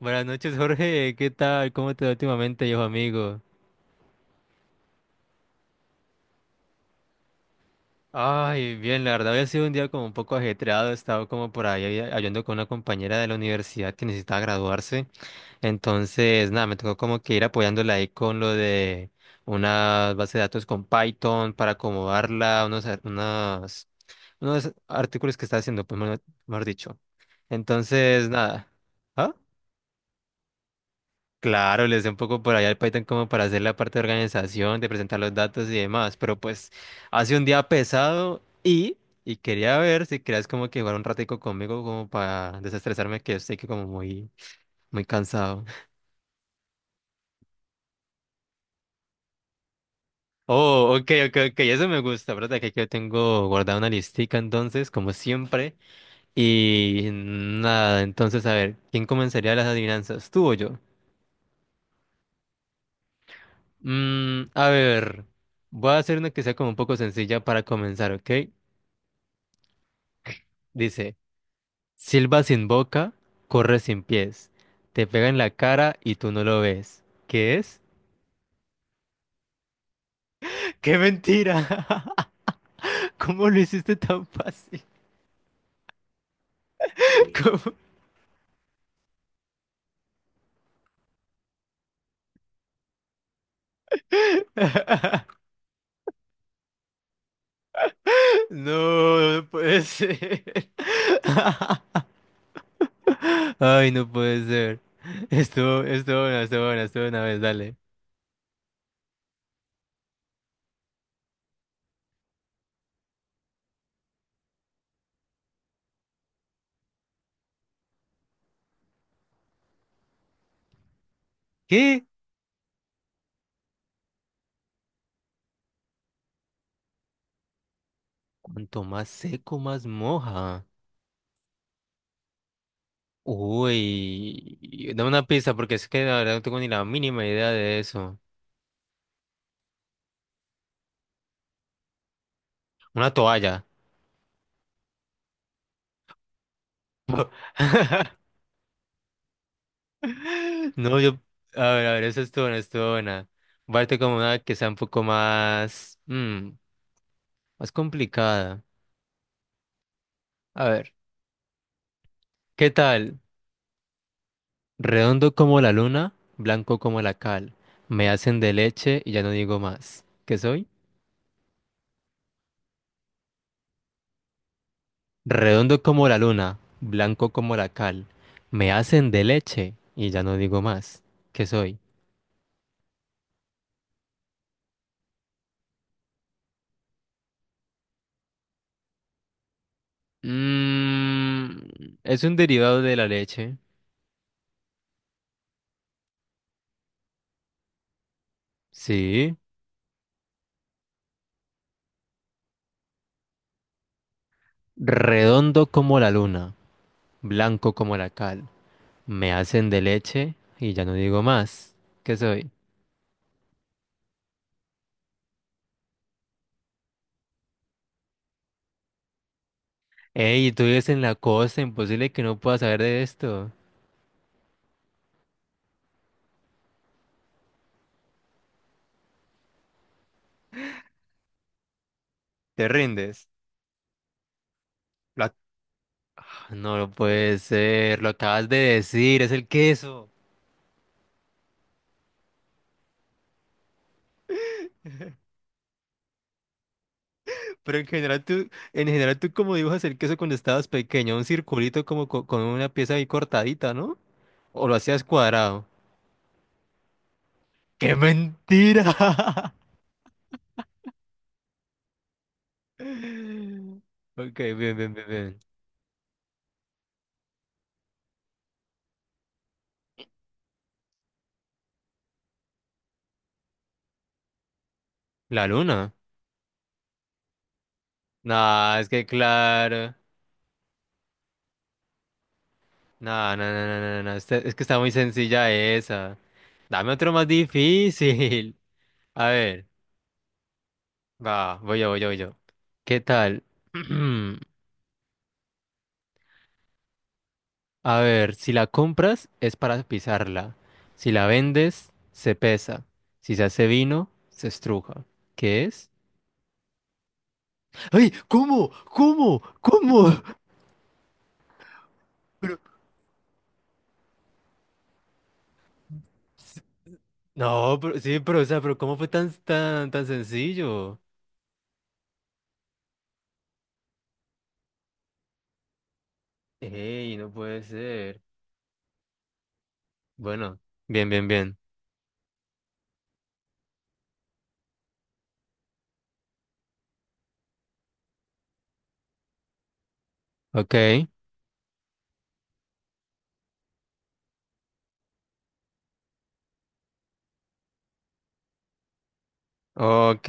Buenas noches, Jorge. ¿Qué tal? ¿Cómo te va últimamente, yo amigo? Ay, bien, la verdad había sido un día como un poco ajetreado. He estado como por ahí ayudando con una compañera de la universidad que necesitaba graduarse. Entonces, nada, me tocó como que ir apoyándola ahí con lo de una base de datos con Python para acomodarla, unos artículos que está haciendo, pues, mejor dicho. Entonces, nada. ¿Ah? Claro, les dé un poco por allá el Python como para hacer la parte de organización, de presentar los datos y demás, pero pues hace un día pesado y quería ver si querías como que jugar un ratico conmigo como para desestresarme que estoy que como muy, muy cansado. Oh, ok, ok, ok, eso me gusta, ¿verdad? Que aquí yo tengo guardada una listica entonces, como siempre, y nada, entonces a ver, ¿quién comenzaría las adivinanzas, tú o yo? Mm, a ver, voy a hacer una que sea como un poco sencilla para comenzar, ¿ok? Dice... Silba sin boca, corre sin pies. Te pega en la cara y tú no lo ves. ¿Qué es? ¡Qué mentira! ¿Cómo lo hiciste tan fácil? ¿Cómo? No, no puede ser. Ay, no puede ser. Estuvo, estuvo buena, estuvo buena, estuvo una vez, dale. ¿Qué? Cuanto más seco, más moja. Uy, dame una pista porque es que la verdad no tengo ni la mínima idea de eso. Una toalla. No, yo, a ver, eso estuvo buena, estuvo buena. Parte como una que sea un poco más, mm, más complicada. A ver, ¿qué tal? Redondo como la luna, blanco como la cal. Me hacen de leche y ya no digo más. ¿Qué soy? Redondo como la luna, blanco como la cal. Me hacen de leche y ya no digo más. ¿Qué soy? Mm, es un derivado de la leche. Sí. Redondo como la luna. Blanco como la cal. Me hacen de leche y ya no digo más. ¿Qué soy? Ey, tú vives en la costa, imposible que no puedas saber de esto. ¿Te rindes? Lo ac- No lo puede ser, lo acabas de decir, es el queso. Pero en general tú como dibujas el queso cuando estabas pequeño, un circulito con una pieza ahí cortadita, ¿no? ¿O lo hacías cuadrado? ¡Qué mentira! Ok, bien, bien, bien, bien. La luna. Nah, es que claro. No, no, no, no, no, no. Es que está muy sencilla esa. Dame otro más difícil. A ver, va, voy yo, voy yo, voy yo. ¿Qué tal? A ver, si la compras es para pisarla. Si la vendes, se pesa. Si se hace vino, se estruja. ¿Qué es? ¡Ay! ¿Cómo? ¿Cómo? ¿Cómo? Pero- No, pero sí, pero, o sea, pero ¿cómo fue tan, tan, tan sencillo? ¡Ey! No puede ser. Bueno, bien, bien, bien. Ok. Ok.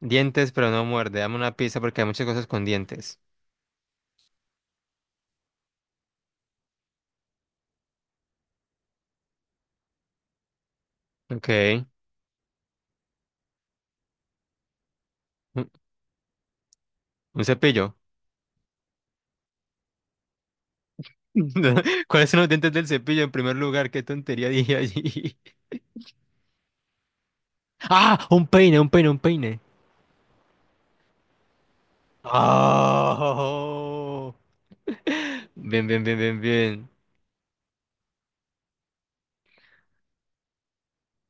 Dientes, pero no muerde. Dame una pista porque hay muchas cosas con dientes. Ok. Un un cepillo. ¿Cuáles son los dientes del cepillo en primer lugar? Qué tontería dije allí. ¡Ah! Un peine, un peine, un peine. ¡Oh! Bien, bien, bien, bien, bien.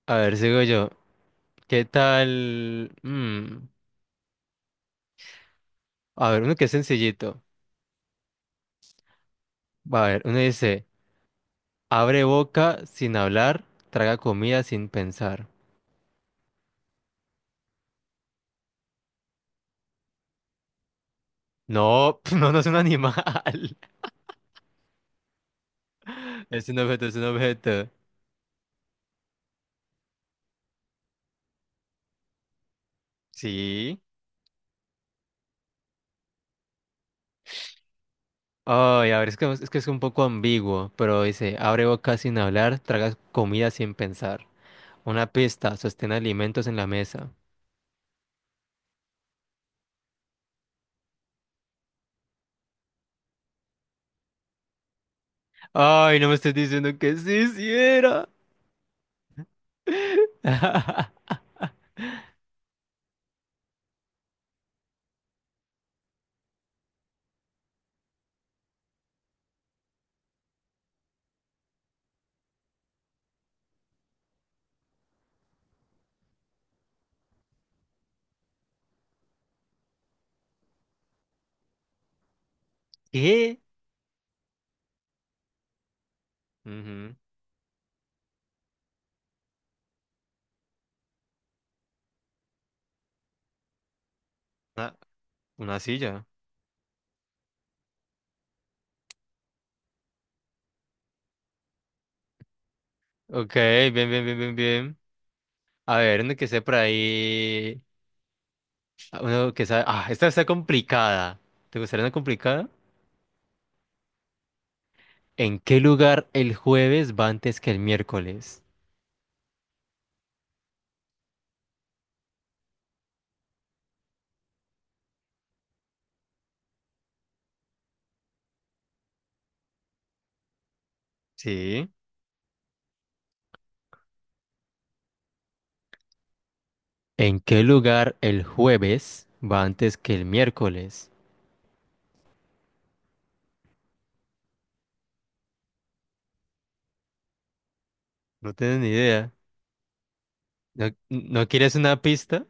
A ver, sigo yo. ¿Qué tal? Mm, a ver, uno que es sencillito. A ver, uno dice, abre boca sin hablar, traga comida sin pensar. No, no, no es un animal. Es un objeto, es un objeto. Sí. Ay, a ver, es que es un poco ambiguo, pero dice, abre boca sin hablar, traga comida sin pensar. Una pista, sostén alimentos en la mesa. Ay, no me estés diciendo que sí, sí era. ¿Qué? Ujú. Una, una silla. Ok, bien, bien, bien, bien, bien. A ver, uno que esté por ahí. Uno que sabe. Ah, esta está complicada. ¿Te gustaría una complicada? ¿En qué lugar el jueves va antes que el miércoles? Sí, ¿en qué lugar el jueves va antes que el miércoles? No tienes ni idea. ¿No, no quieres una pista?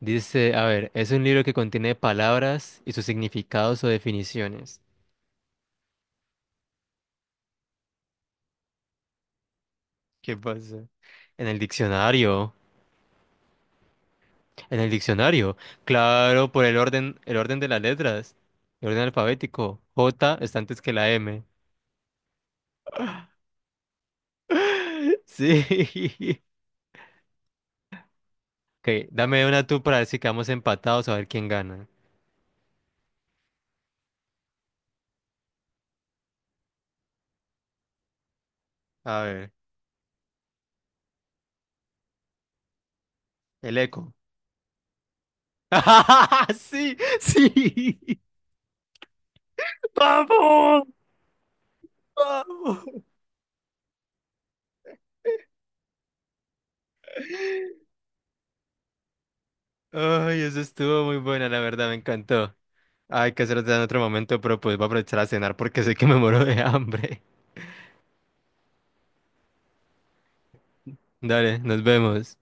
Dice, a ver, es un libro que contiene palabras y sus significados o definiciones. ¿Qué pasa? En el diccionario. En el diccionario. Claro, por el orden de las letras. El orden alfabético. J está antes que la M. Sí. Ok, dame una tú para decir que vamos empatados a ver quién gana. A ver, el eco. Sí, sí. ¡Vamos! ¡Vamos! Ay, eso estuvo muy buena, la verdad, me encantó. Hay que hacerlo en otro momento, pero pues voy a aprovechar a cenar porque sé que me muero de hambre. Dale, nos vemos.